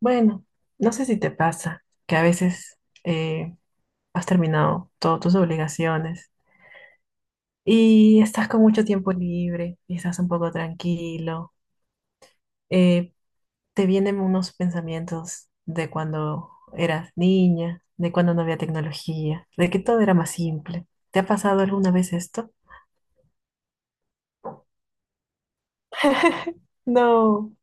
Bueno, no sé si te pasa que a veces eh, has terminado todas tus obligaciones y estás con mucho tiempo libre y estás un poco tranquilo. eh, Te vienen unos pensamientos de cuando eras niña, de cuando no había tecnología, de que todo era más simple. ¿Te ha pasado alguna vez esto? No,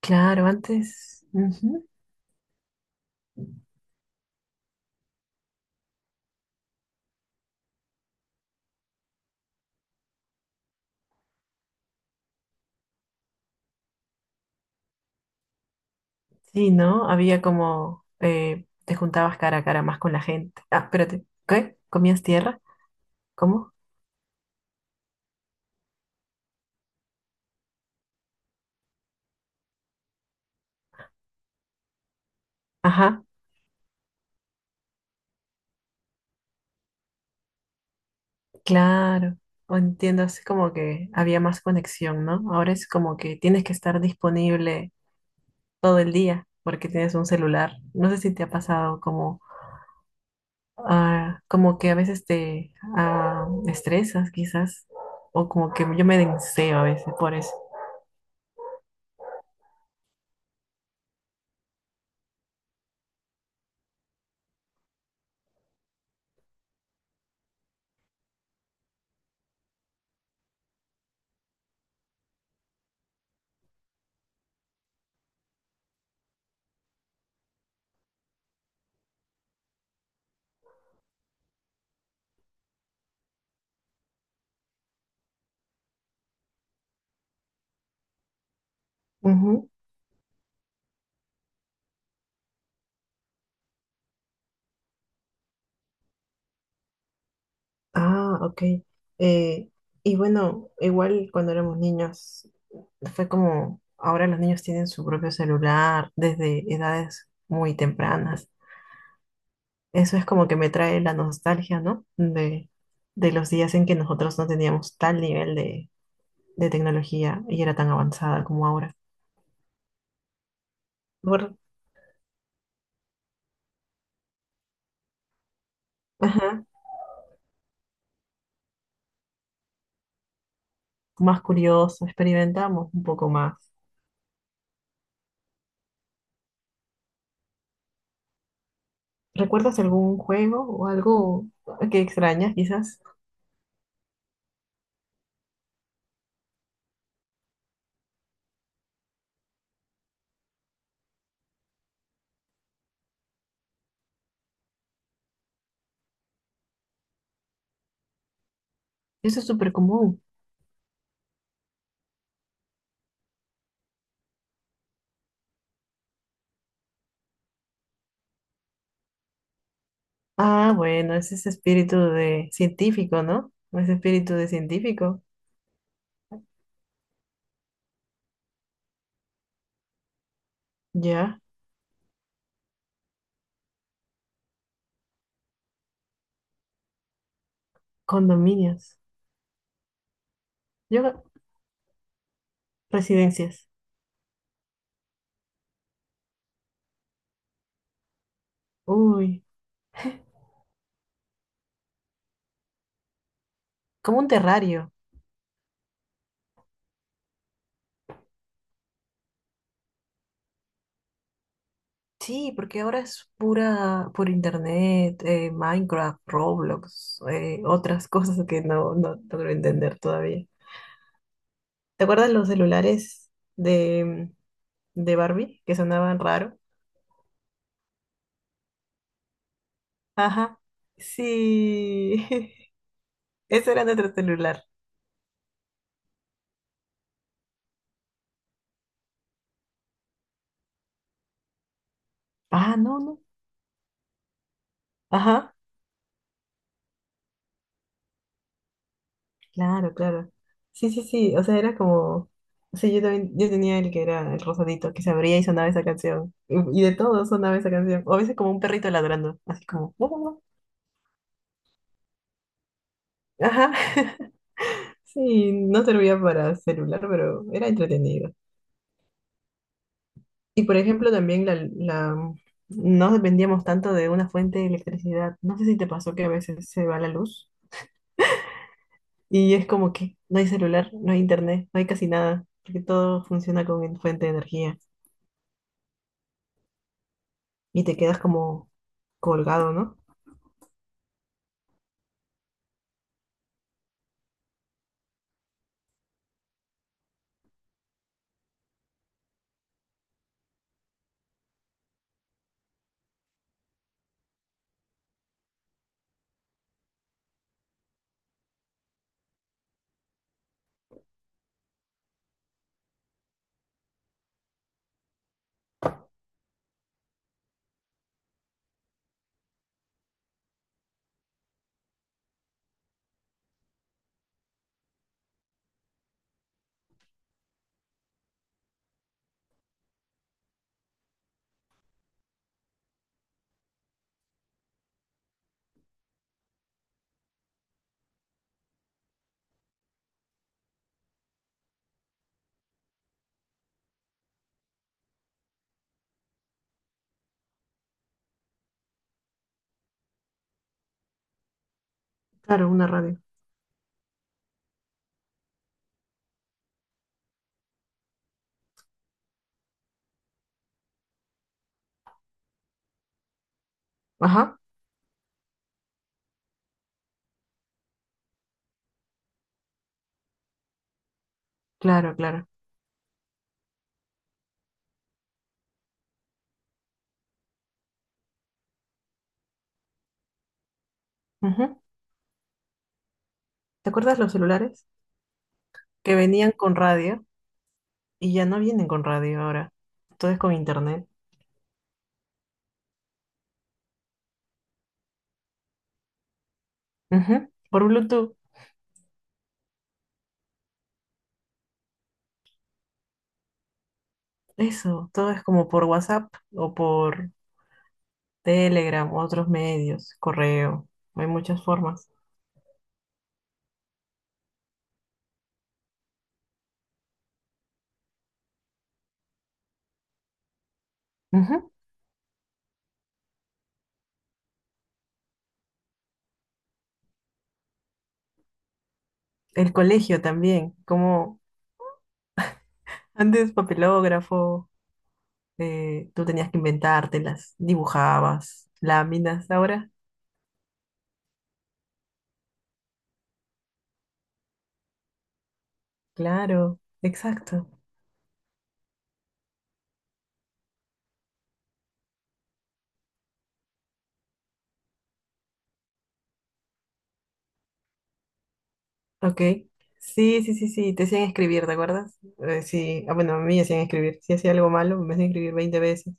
claro, antes, ujú. Sí, ¿no? Había como, te juntabas cara a cara más con la gente. Ah, espérate, ¿qué? ¿Comías tierra? ¿Cómo? Ajá, claro. O Entiendo, así como que había más conexión, ¿no? Ahora es como que tienes que estar disponible todo el día porque tienes un celular. No sé si te ha pasado como, como que a veces te estresas quizás o como que yo me denseo a veces por eso. Ujú. Ah, ok. Eh, y bueno, igual cuando éramos niños, fue como ahora los niños tienen su propio celular desde edades muy tempranas. Eso es como que me trae la nostalgia, ¿no? De los días en que nosotros no teníamos tal nivel de tecnología y era tan avanzada como ahora. Por- ajá, más curioso, experimentamos un poco más. ¿Recuerdas algún juego o algo que extrañas, quizás? Eso es súper común. Ah, bueno, es ese espíritu de científico, ¿no? Ese espíritu de científico. Ya, condominios. Yo, residencias. Uy, como un terrario. Sí, porque ahora es pura por internet, Minecraft, Roblox, otras cosas que no logro entender todavía. ¿Te acuerdas los celulares de, de Barbie que sonaban raro? Ajá, sí. Ese era nuestro celular. Ah, no, no. Ajá, claro, claro. Sí, sí, sí, o sea, era como. Sí, yo también, yo tenía el que era el rosadito, que se abría y sonaba esa canción. Y de todo sonaba esa canción. O a veces como un perrito ladrando, así como. Ajá. Sí, no servía para celular, pero era entretenido. Y por ejemplo, también no dependíamos tanto de una fuente de electricidad. No sé si te pasó que a veces se va la luz y es como que no hay celular, no hay internet, no hay casi nada, porque todo funciona con fuente de energía y te quedas como colgado, ¿no? Claro, una radio. Ajá, claro, claro. Ujú. ¿Te acuerdas los celulares que venían con radio y ya no vienen con radio ahora? Todo es con internet. Ujú. Por Bluetooth, eso, todo es como por WhatsApp o por Telegram, otros medios, correo, hay muchas formas. Ujú. El colegio también, como antes papelógrafo, tú tenías que inventártelas, dibujabas, láminas, ahora, claro, exacto, ok. Sí, sí, sí, sí, te hacían escribir, ¿te acuerdas? Sí, ah, bueno, a mí me hacían escribir, si hacía algo malo, me hacían escribir 20 veces.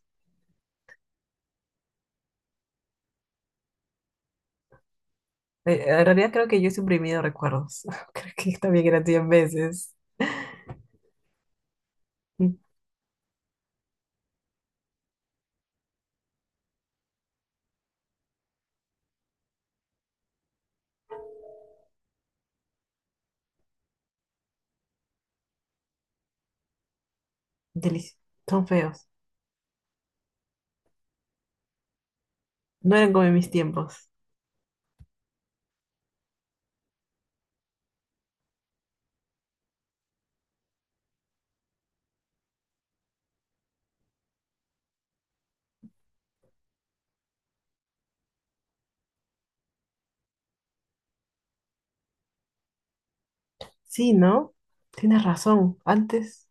En realidad creo que yo he suprimido recuerdos. Creo que también eran 100 veces. Mm, delici- Son feos. No eran como en mis tiempos. Sí, ¿no? Tienes razón. Antes,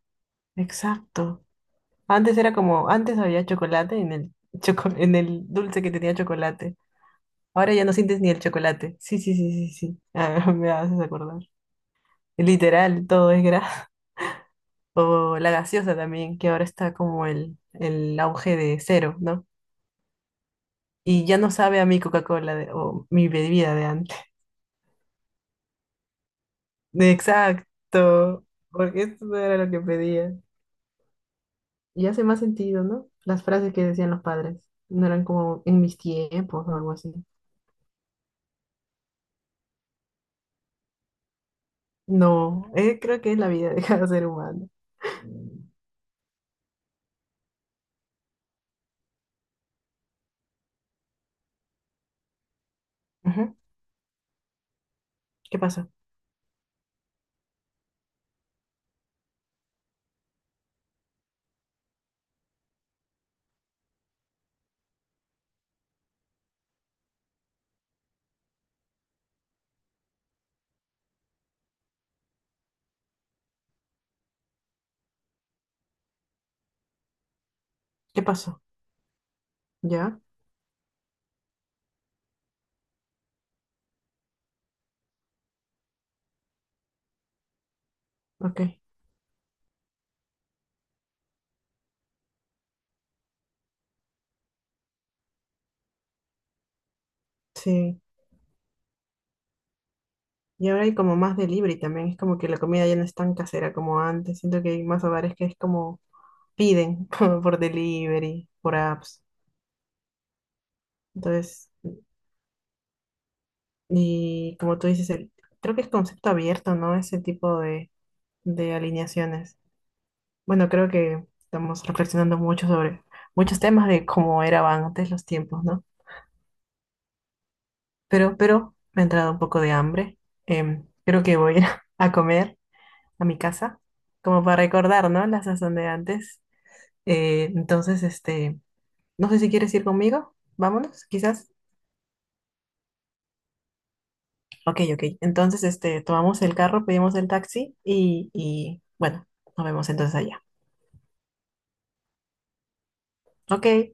exacto. Antes era como, antes había chocolate en el, en el dulce que tenía chocolate. Ahora ya no sientes ni el chocolate. Sí, sí, sí, sí, sí. Ah, me haces acordar. Literal, todo es grasa. O la gaseosa también, que ahora está como el auge de cero, ¿no? Y ya no sabe a mi Coca-Cola o mi bebida de antes. Exacto, porque esto no era lo que pedía. Y hace más sentido, ¿no? Las frases que decían los padres no eran como en mis tiempos o algo así. No, creo que es la vida de cada ser humano. Ujú. ¿Qué pasa? ¿Qué pasó? ¿Ya? Ok, sí. Y ahora hay como más delivery también. Es como que la comida ya no es tan casera como antes. Siento que hay más hogares que es como piden por delivery, por apps. Entonces, y como tú dices, el, creo que es concepto abierto, ¿no? Ese tipo de alineaciones. Bueno, creo que estamos reflexionando mucho sobre muchos temas de cómo eran antes los tiempos, ¿no? Pero me ha entrado un poco de hambre. Creo que voy a ir a comer a mi casa, como para recordar, ¿no? La sazón de antes. Entonces, este, no sé si quieres ir conmigo. Vámonos, quizás. Ok, ok. Entonces, este, tomamos el carro, pedimos el taxi y bueno, nos vemos entonces allá. Ok,